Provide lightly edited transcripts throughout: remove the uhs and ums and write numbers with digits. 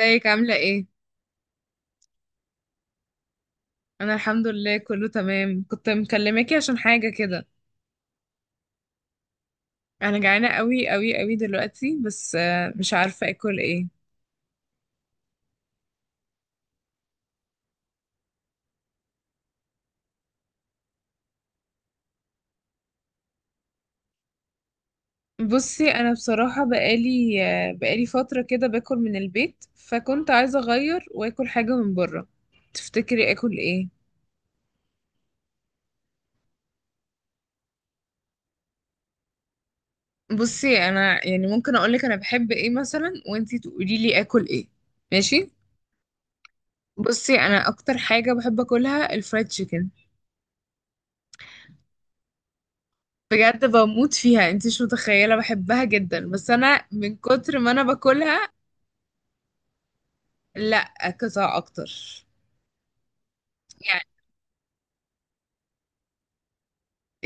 ازيك عاملة ايه؟ انا الحمد لله كله تمام، كنت مكلماكي عشان حاجة كده. انا جعانة قوي قوي قوي دلوقتي، بس مش عارفة اكل ايه. بصي، انا بصراحة بقالي فترة كده باكل من البيت، فكنت عايزة اغير واكل حاجة من بره. تفتكري اكل ايه؟ بصي، انا يعني ممكن اقولك انا بحب ايه مثلا وانتي تقولي لي اكل ايه. ماشي؟ بصي، انا اكتر حاجة بحب اكلها الفرايد تشيكن. بجد بموت فيها، انت مش متخيله، بحبها جدا، بس انا من كتر ما انا باكلها. لا، قطع اكتر. يعني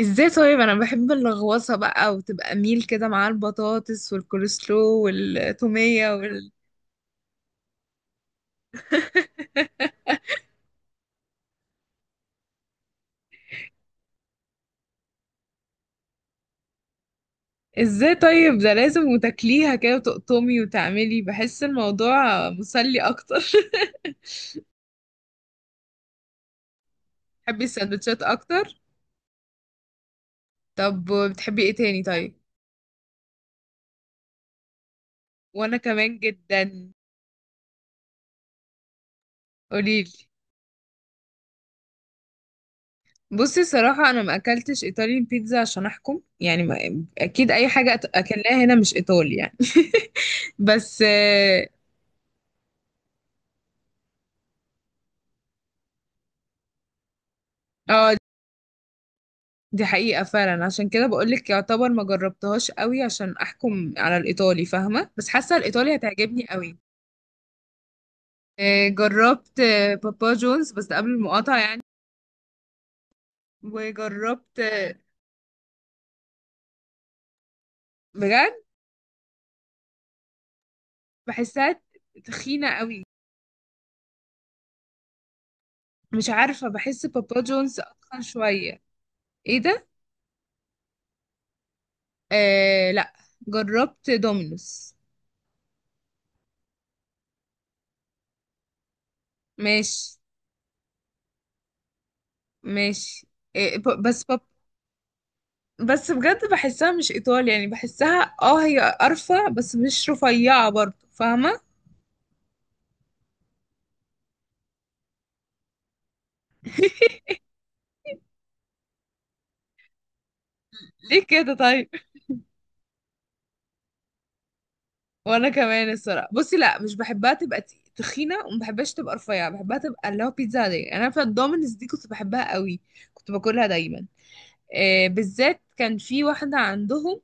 ازاي؟ طيب انا بحب اللغوصه بقى، وتبقى ميل كده مع البطاطس والكولسلو والتوميه ازاي طيب، ده لازم وتاكليها كده وتقطمي وتعملي، بحس الموضوع مسلي اكتر بتحبي السندوتشات اكتر؟ طب بتحبي ايه تاني طيب؟ وانا كمان جدا. قوليلي. بصي، الصراحة أنا ما أكلتش إيطاليان بيتزا عشان أحكم، يعني ما أكيد أي حاجة أكلناها هنا مش إيطالي يعني بس آه. آه، دي حقيقة فعلا، عشان كده بقولك يعتبر ما جربتهاش قوي عشان أحكم على الإيطالي، فاهمة؟ بس حاسة الإيطالي هتعجبني قوي. جربت بابا جونز، بس ده قبل المقاطعة يعني. وجربت بجد بحسها تخينة قوي. مش عارفة، بحس بابا جونز أتخن شوية. إيه ده؟ آه لأ. جربت دومينوس. ماشي. ماشي. إيه بس بجد بحسها مش ايطالي يعني، بحسها هي قرفة بس مش رفيعة برضه، فاهمة؟ ليه كده طيب؟ وانا كمان الصراحة بصي، لا مش بحبها تبقى تخينة، وما بحبهاش تبقى رفيعة، بحبها تبقى اللي هو بيتزا عادية. انا في الدومينز دي كنت بحبها قوي، كنت باكلها دايما. إيه، بالذات كان في واحدة عندهم،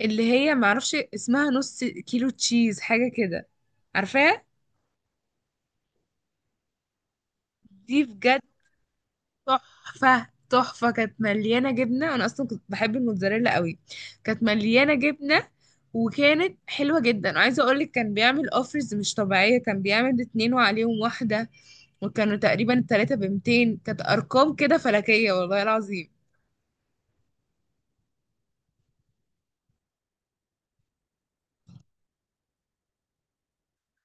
اللي هي معرفش اسمها، نص كيلو تشيز حاجة كده. عارفاها؟ دي بجد تحفة تحفة، كانت مليانة جبنة. أنا أصلا كنت بحب الموتزاريلا قوي. كانت مليانة جبنة، وكانت حلوة جدا. وعايزة أقولك، كان بيعمل أوفرز مش طبيعية، كان بيعمل اتنين وعليهم واحدة، وكانوا تقريبا التلاتة ب200، كانت أرقام كده فلكية والله العظيم.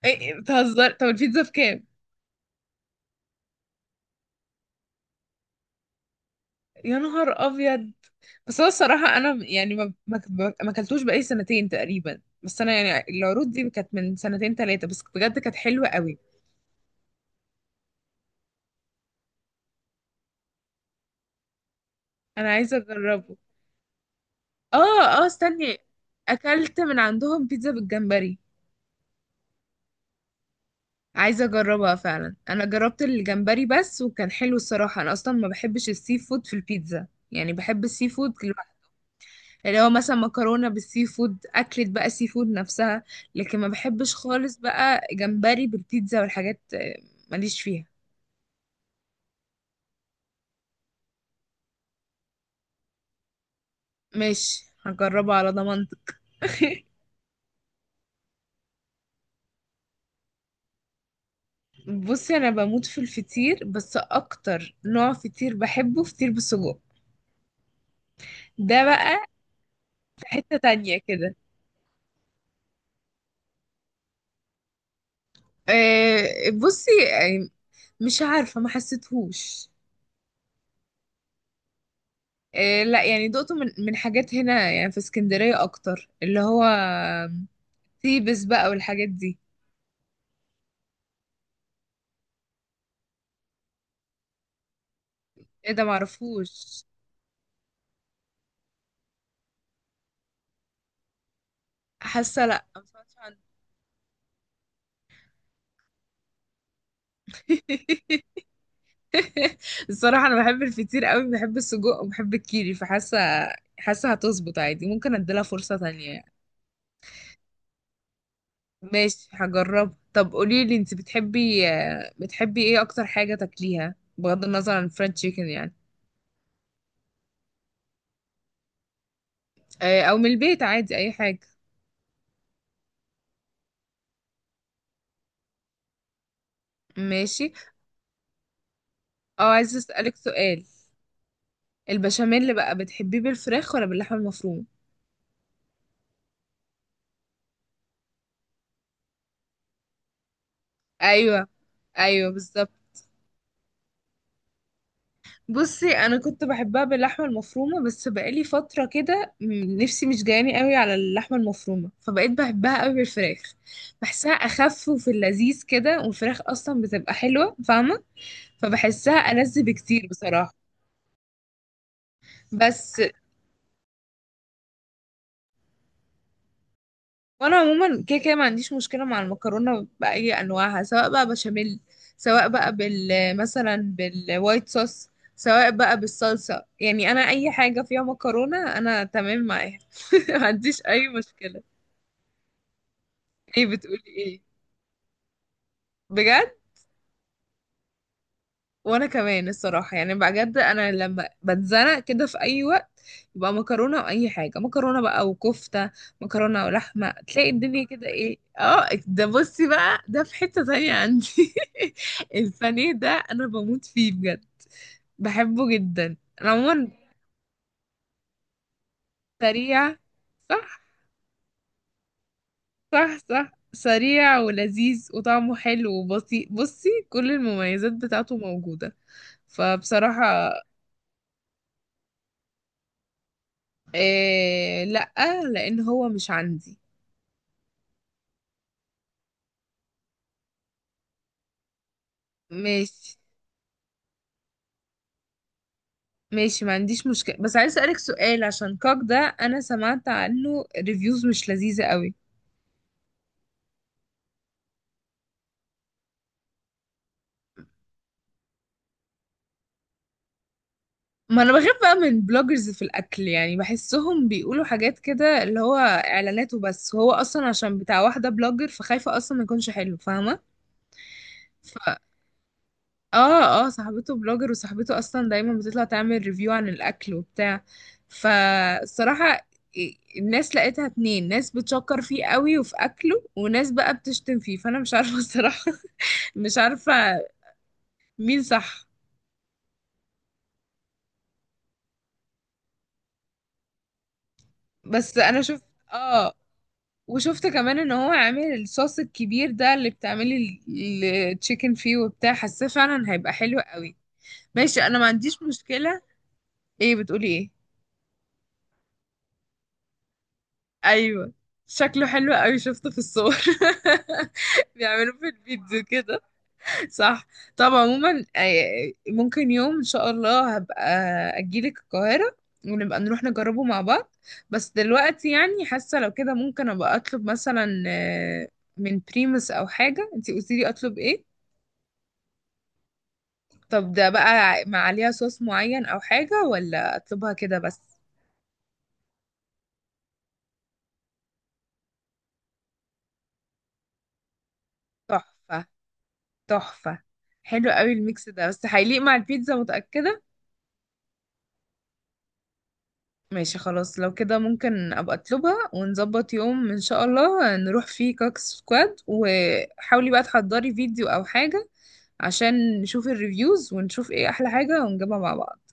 إيه إيه، بتهزر؟ طب البيتزا بكام؟ يا نهار أبيض. بس هو الصراحة أنا يعني ما أكلتوش بقالي سنتين تقريبا، بس أنا يعني العروض دي كانت من سنتين تلاتة، بس بجد كانت حلوة قوي. أنا عايزة أجربه. اه اه، استني. اكلت من عندهم بيتزا بالجمبري. عايزه اجربها فعلا. انا جربت الجمبري بس وكان حلو الصراحه، انا اصلا ما بحبش السي فود في البيتزا، يعني بحب السي فود لوحده. اللي هو مثلا مكرونه بالسي فود، اكلت بقى سي فود نفسها، لكن ما بحبش خالص بقى جمبري بالبيتزا والحاجات ماليش فيها. ماشي، هجربها على ضمانتك بصي انا بموت في الفطير، بس اكتر نوع فطير بحبه فطير بالسجق. ده بقى حتة تانية كده. آه، بصي يعني مش عارفة، ما حسيتهوش. لا يعني دقته من من حاجات هنا، يعني في اسكندرية أكتر، اللي هو تيبس بقى والحاجات دي. ايه ده؟ معرفوش. حاسة لا، ما سمعتش عنه الصراحة أنا بحب الفطير قوي، بحب السجق وبحب الكيري، حاسة هتظبط عادي، ممكن اديلها فرصة تانية يعني. ماشي هجرب. طب قولي لي انت، بتحبي بتحبي ايه اكتر حاجة تاكليها بغض النظر عن الفرنش تشيكن يعني؟ او من البيت، عادي اي حاجة. ماشي. اه عايزة اسألك سؤال. البشاميل اللي بقى بتحبيه بالفراخ ولا باللحمة المفرومة؟ ايوه، ايوه، بالظبط. بصي انا كنت بحبها باللحمة المفرومة، بس بقالي فترة كده نفسي مش جاياني قوي على اللحمة المفرومة، فبقيت بحبها قوي بالفراخ. بحسها اخف وفي اللذيذ كده، والفراخ اصلا بتبقى حلوة، فاهمة؟ فبحسها ألذ بكتير بصراحة. بس. وانا عموما كده كده ما عنديش مشكلة مع المكرونة بأي انواعها، سواء بقى بشاميل، سواء بقى مثلا بالوايت صوص، سواء بقى بالصلصة، يعني انا اي حاجة فيها مكرونة انا تمام معاها ما عنديش اي مشكلة. ايه بتقولي ايه؟ بجد؟ وانا كمان الصراحه، يعني بجد انا لما بتزنق كده في اي وقت يبقى مكرونه. واي حاجه مكرونه بقى وكفته، مكرونه ولحمه، تلاقي الدنيا كده ايه. اه ده بصي بقى، ده في حته تانية عندي البانيه ده انا بموت فيه بجد، بحبه جدا. انا عموما سريع. صح. صح، صح، سريع ولذيذ وطعمه حلو وبسيط، بصي كل المميزات بتاعته موجوده. فبصراحه. إيه لأ. لأن هو مش عندي. ماشي. ماشي، ما عنديش مشكلة، بس عايز أسألك سؤال عشان كوك ده. أنا سمعت عنه ريفيوز مش لذيذة قوي. ما أنا بخاف بقى من بلوجرز في الأكل، يعني بحسهم بيقولوا حاجات كده اللي هو إعلانات وبس، هو أصلا عشان بتاع واحدة بلوجر فخايفة أصلا ما يكونش حلو، فاهمة؟ اه، اه، صاحبته بلوجر، وصاحبته اصلا دايما بتطلع تعمل ريفيو عن الاكل وبتاع. فالصراحة الناس لقيتها اتنين، ناس بتشكر فيه قوي وفي اكله، وناس بقى بتشتم فيه، فانا مش عارفة الصراحة مش عارفة مين صح. بس انا شفت. اه. وشفت كمان ان هو عامل الصوص الكبير ده اللي بتعملي التشيكن فيه وبتاع، حاساه فعلا هيبقى حلو قوي. ماشي انا ما عنديش مشكلة. ايه بتقولي ايه؟ ايوه. شكله حلو قوي، شفته في الصور بيعملوا في الفيديو كده. صح. طب عموما، ممكن يوم ان شاء الله هبقى اجيلك القاهرة، ونبقى نروح نجربه مع بعض. بس دلوقتي يعني حاسة لو كده ممكن ابقى اطلب مثلا من بريمس او حاجة، انتي قلتيلي اطلب ايه؟ طب ده بقى مع عليها صوص معين او حاجة، ولا اطلبها كده بس؟ تحفة، تحفة. حلو قوي الميكس ده، بس هيليق مع البيتزا، متأكدة؟ ماشي، خلاص، لو كده ممكن ابقى اطلبها، ونظبط يوم ان شاء الله نروح فيه كاك سكواد، وحاولي بقى تحضري فيديو او حاجة عشان نشوف الريفيوز ونشوف ايه احلى حاجة ونجيبها مع بعض.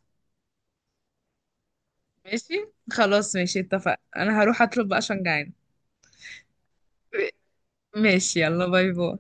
ماشي. خلاص، ماشي، اتفق. انا هروح اطلب بقى عشان جعانة. ماشي، يلا باي باي.